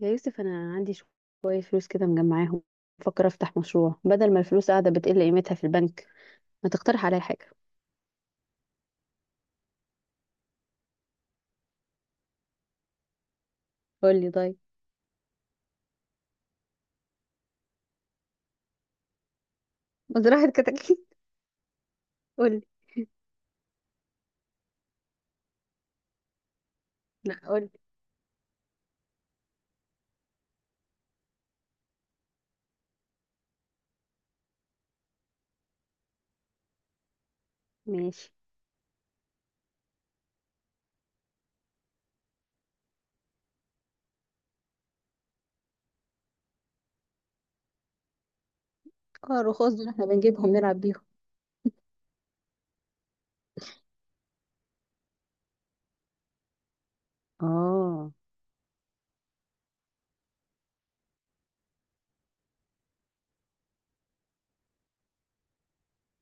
يا يوسف، انا عندي شويه فلوس كده مجمعاهم. بفكر افتح مشروع بدل ما الفلوس قاعده بتقل قيمتها في البنك. ما تقترح عليا حاجه؟ قول لي طيب. مزرعة كتاكيت قولي. لا، قول لي. ماشي. اه، الرخاص دول احنا بنجيبهم نلعب بيهم. اه.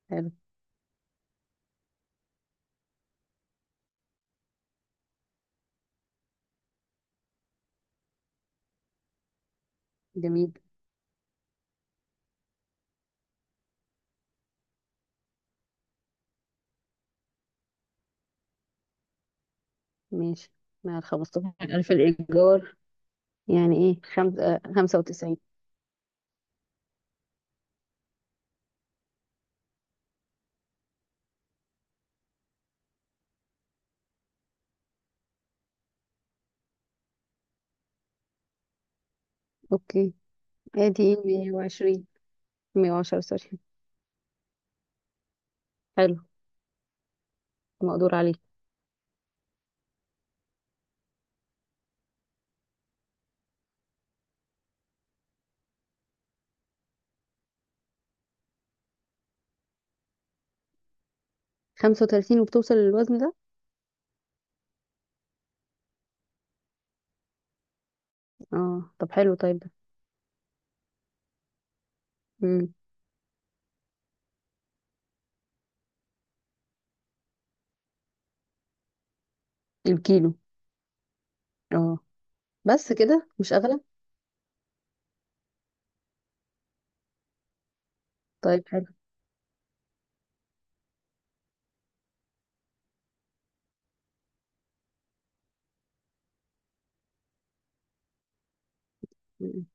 حلو. جميل. ماشي مع ال 15,000 الايجار. يعني ايه خمس 95. اوكي، ادي ايه، 120، 110، سوري. حلو، مقدور عليه. 35 وبتوصل للوزن ده؟ اه طب حلو، طيب ده. امم. الكيلو. اه، بس كده مش اغلى؟ طيب حلو. م-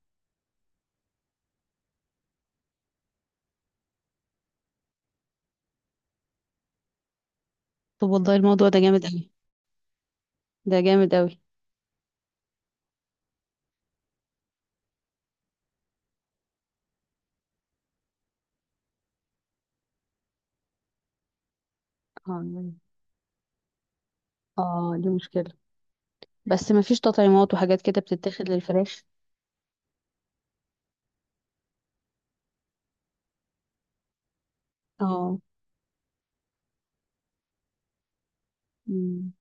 طب والله الموضوع ده جامد قوي. ده جامد قوي. م. اه دي مشكلة. بس ما فيش تطعيمات وحاجات كده بتتاخد للفراخ؟ اه. م.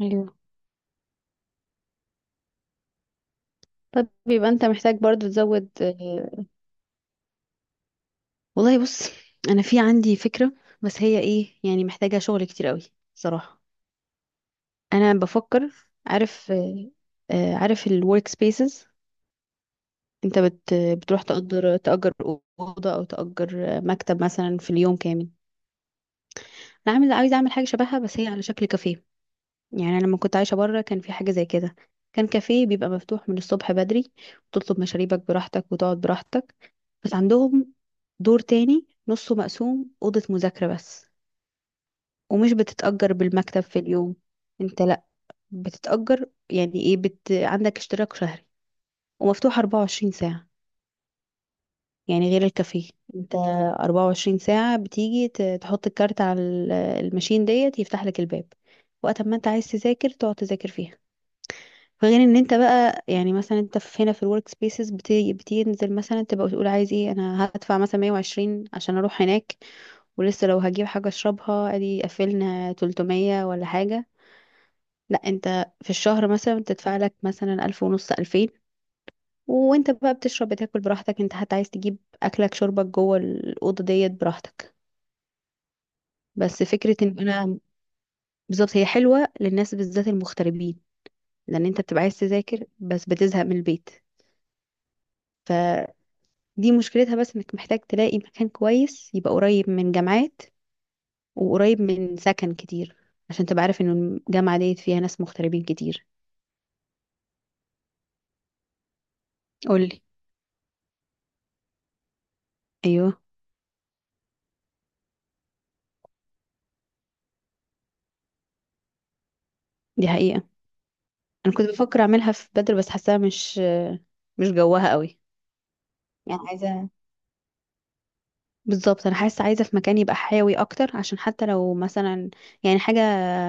ايوه. طب يبقى انت محتاج برضو تزود. والله بص، انا في عندي فكرة، بس هي ايه يعني محتاجة شغل كتير قوي صراحة. انا بفكر. عارف. عارف الورك سبيسز؟ انت بتروح تأجر أوضة أو تأجر مكتب مثلا في اليوم كامل. انا عامله عايزه اعمل حاجه شبهها بس هي على شكل كافيه. يعني انا لما كنت عايشه بره كان في حاجه زي كده. كان كافيه بيبقى مفتوح من الصبح بدري، وتطلب مشاريبك براحتك وتقعد براحتك. بس عندهم دور تاني نصه مقسوم اوضه مذاكره بس، ومش بتتأجر بالمكتب في اليوم. انت لا، بتتأجر يعني ايه، عندك اشتراك شهري ومفتوح 24 ساعه. يعني غير الكافيه، انت 24 ساعة بتيجي تحط الكارت على الماشين ديت يفتح لك الباب. وقت ما انت عايز تذاكر تقعد تذاكر فيها. فغير ان انت بقى، يعني مثلا انت في هنا في الورك سبيسز بتنزل مثلا تبقى تقول عايز ايه، انا هدفع مثلا 120 عشان اروح هناك. ولسه لو هجيب حاجة اشربها ادي قفلنا 300 ولا حاجة. لا، انت في الشهر مثلا بتدفع لك مثلا 1,500، 2,000. وانت بقى بتشرب بتاكل براحتك، انت حتى عايز تجيب اكلك شربك جوه الاوضه ديت براحتك. بس فكره ان انا بالظبط هي حلوه للناس بالذات المغتربين، لان انت بتبقى عايز تذاكر بس بتزهق من البيت. فدي مشكلتها بس انك محتاج تلاقي مكان كويس يبقى قريب من جامعات وقريب من سكن كتير، عشان تبقى عارف انه الجامعه ديت فيها ناس مغتربين كتير. قولي. ايوه، دي حقيقه. انا كنت بفكر اعملها في بدر بس حاساها مش جواها قوي. يعني عايزه بالظبط، انا حاسه عايزه في مكان يبقى حيوي اكتر، عشان حتى لو مثلا يعني حاجه،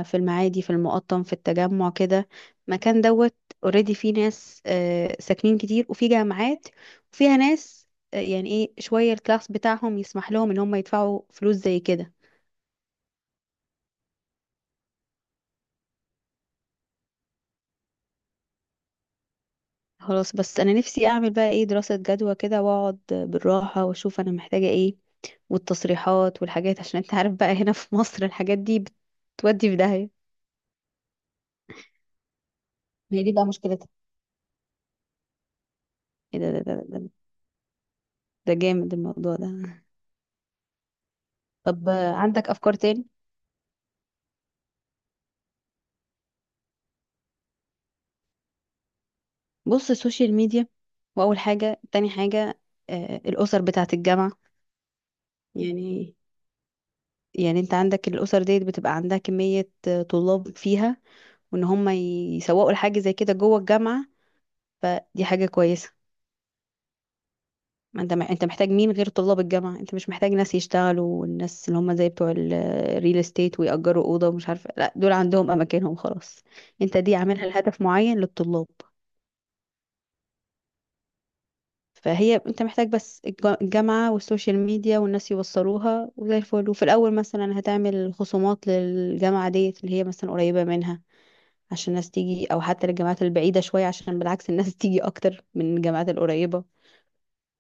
في المعادي في المقطم في التجمع كده. مكان دوت اوريدي فيه ناس ساكنين كتير وفي جامعات، وفيها ناس يعني ايه شويه الكلاس بتاعهم يسمح لهم ان هم يدفعوا فلوس زي كده. خلاص، بس انا نفسي اعمل بقى ايه دراسه جدوى كده واقعد بالراحه واشوف انا محتاجه ايه، والتصريحات والحاجات، عشان انت عارف بقى هنا في مصر الحاجات دي بتودي في داهيه. ما هي دي بقى مشكلتها. ايه ده، ده جامد الموضوع ده. طب عندك افكار تاني؟ بص، السوشيال ميديا، واول حاجه تاني حاجه، الاسر بتاعه الجامعه. يعني، يعني انت عندك الاسر ديت بتبقى عندها كميه طلاب فيها، وان هم يسوقوا لحاجه زي كده جوه الجامعه، فدي حاجه كويسه. ما انت انت محتاج مين غير طلاب الجامعه، انت مش محتاج ناس يشتغلوا، والناس اللي هم زي بتوع الريل استيت ويأجروا اوضه ومش عارفه، لا دول عندهم اماكنهم خلاص. انت دي عاملها لهدف معين للطلاب. فهي انت محتاج بس الجامعة والسوشيال ميديا، والناس يوصلوها وزي الفل. وفي الأول مثلا هتعمل خصومات للجامعة ديت اللي هي مثلا قريبة منها عشان الناس تيجي، أو حتى للجامعات البعيدة شوية عشان بالعكس الناس تيجي أكتر من الجامعات القريبة،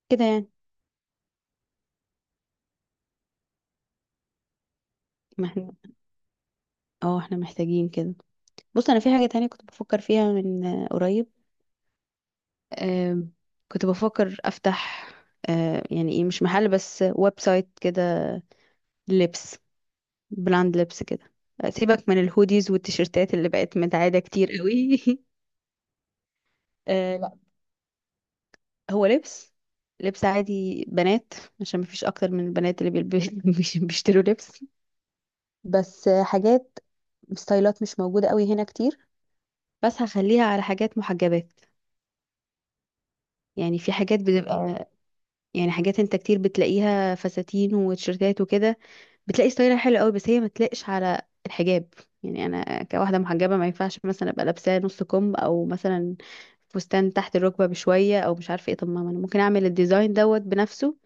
كده يعني. ما احنا، اه احنا محتاجين كده. بص، أنا في حاجة تانية كنت بفكر فيها من قريب. آم، كنت بفكر أفتح يعني ايه مش محل بس، ويب سايت كده، لبس، براند لبس كده. سيبك من الهوديز والتيشيرتات اللي بقت متعادة كتير قوي آه لا، هو لبس، لبس عادي بنات، عشان مفيش اكتر من البنات اللي بيشتروا لبس. بس حاجات، ستايلات مش موجودة قوي هنا كتير، بس هخليها على حاجات محجبات. يعني في حاجات بتبقى، يعني حاجات انت كتير بتلاقيها فساتين وتيشيرتات وكده، بتلاقي ستايلها حلو قوي بس هي ما تلاقش على الحجاب. يعني انا كواحده محجبه ما ينفعش مثلا ابقى لابسه نص كم، او مثلا فستان تحت الركبه بشويه، او مش عارفه ايه. طب ما انا ممكن اعمل الديزاين دوت بنفسه،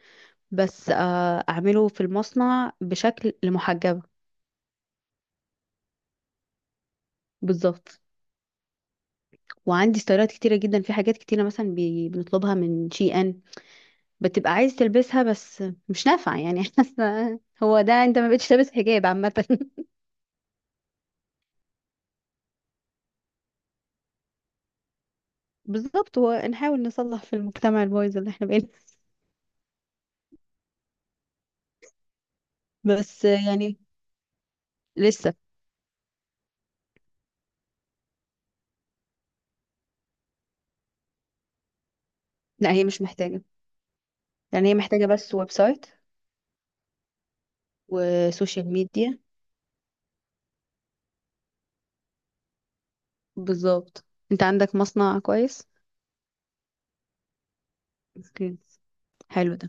بس اعمله في المصنع بشكل لمحجبه. بالظبط. وعندي ستايلات كتيره جدا في حاجات كتيره، مثلا بنطلبها من شي ان، بتبقى عايز تلبسها بس مش نافعه يعني حاسه هو ده انت ما بقتش لابس حجاب عامه بالظبط. ونحاول نصلح في المجتمع البايظ اللي احنا بقينا. بس يعني لسه. لا هي مش محتاجة. يعني هي محتاجة بس ويب سايت وسوشيال ميديا. بالظبط. انت عندك مصنع كويس. اوكي. حلو ده،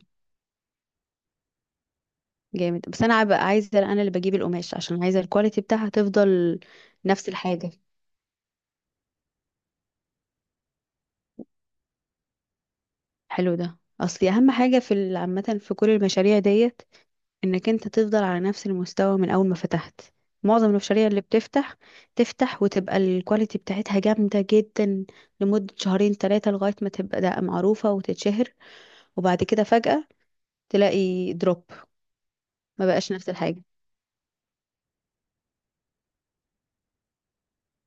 جامد. بس انا بقى عايزة انا اللي بجيب القماش عشان عايزة الكواليتي بتاعها تفضل نفس الحاجة. حلو ده اصلي. اهم حاجة في عامة في كل المشاريع ديت انك انت تفضل على نفس المستوى من اول ما فتحت. معظم المشاريع اللي بتفتح، تفتح وتبقى الكواليتي بتاعتها جامدة جدا لمدة شهرين ثلاثة، لغاية ما تبقى ده معروفة وتتشهر، وبعد كده فجأة تلاقي دروب، ما بقاش نفس الحاجة.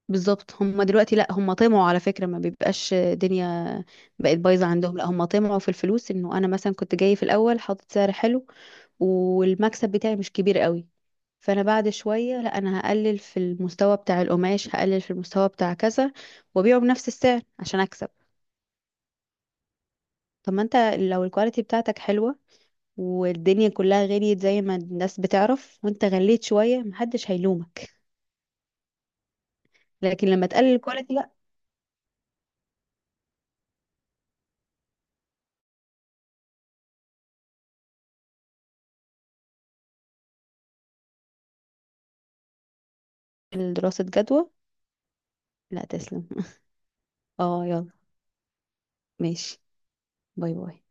بالظبط، هم دلوقتي لا هم طمعوا، على فكرة ما بيبقاش دنيا بقت بايظة عندهم، لا هم طمعوا في الفلوس. انه انا مثلا كنت جاي في الاول حاطط سعر حلو والمكسب بتاعي مش كبير قوي، فانا بعد شويه لا انا هقلل في المستوى بتاع القماش، هقلل في المستوى بتاع كذا، وابيعه بنفس السعر عشان اكسب. طب ما انت لو الكواليتي بتاعتك حلوه، والدنيا كلها غليت زي ما الناس بتعرف، وانت غليت شويه محدش هيلومك، لكن لما تقلل الكواليتي لا. دراسه جدوى. لا تسلم. اه يلا. ماشي. باي باي.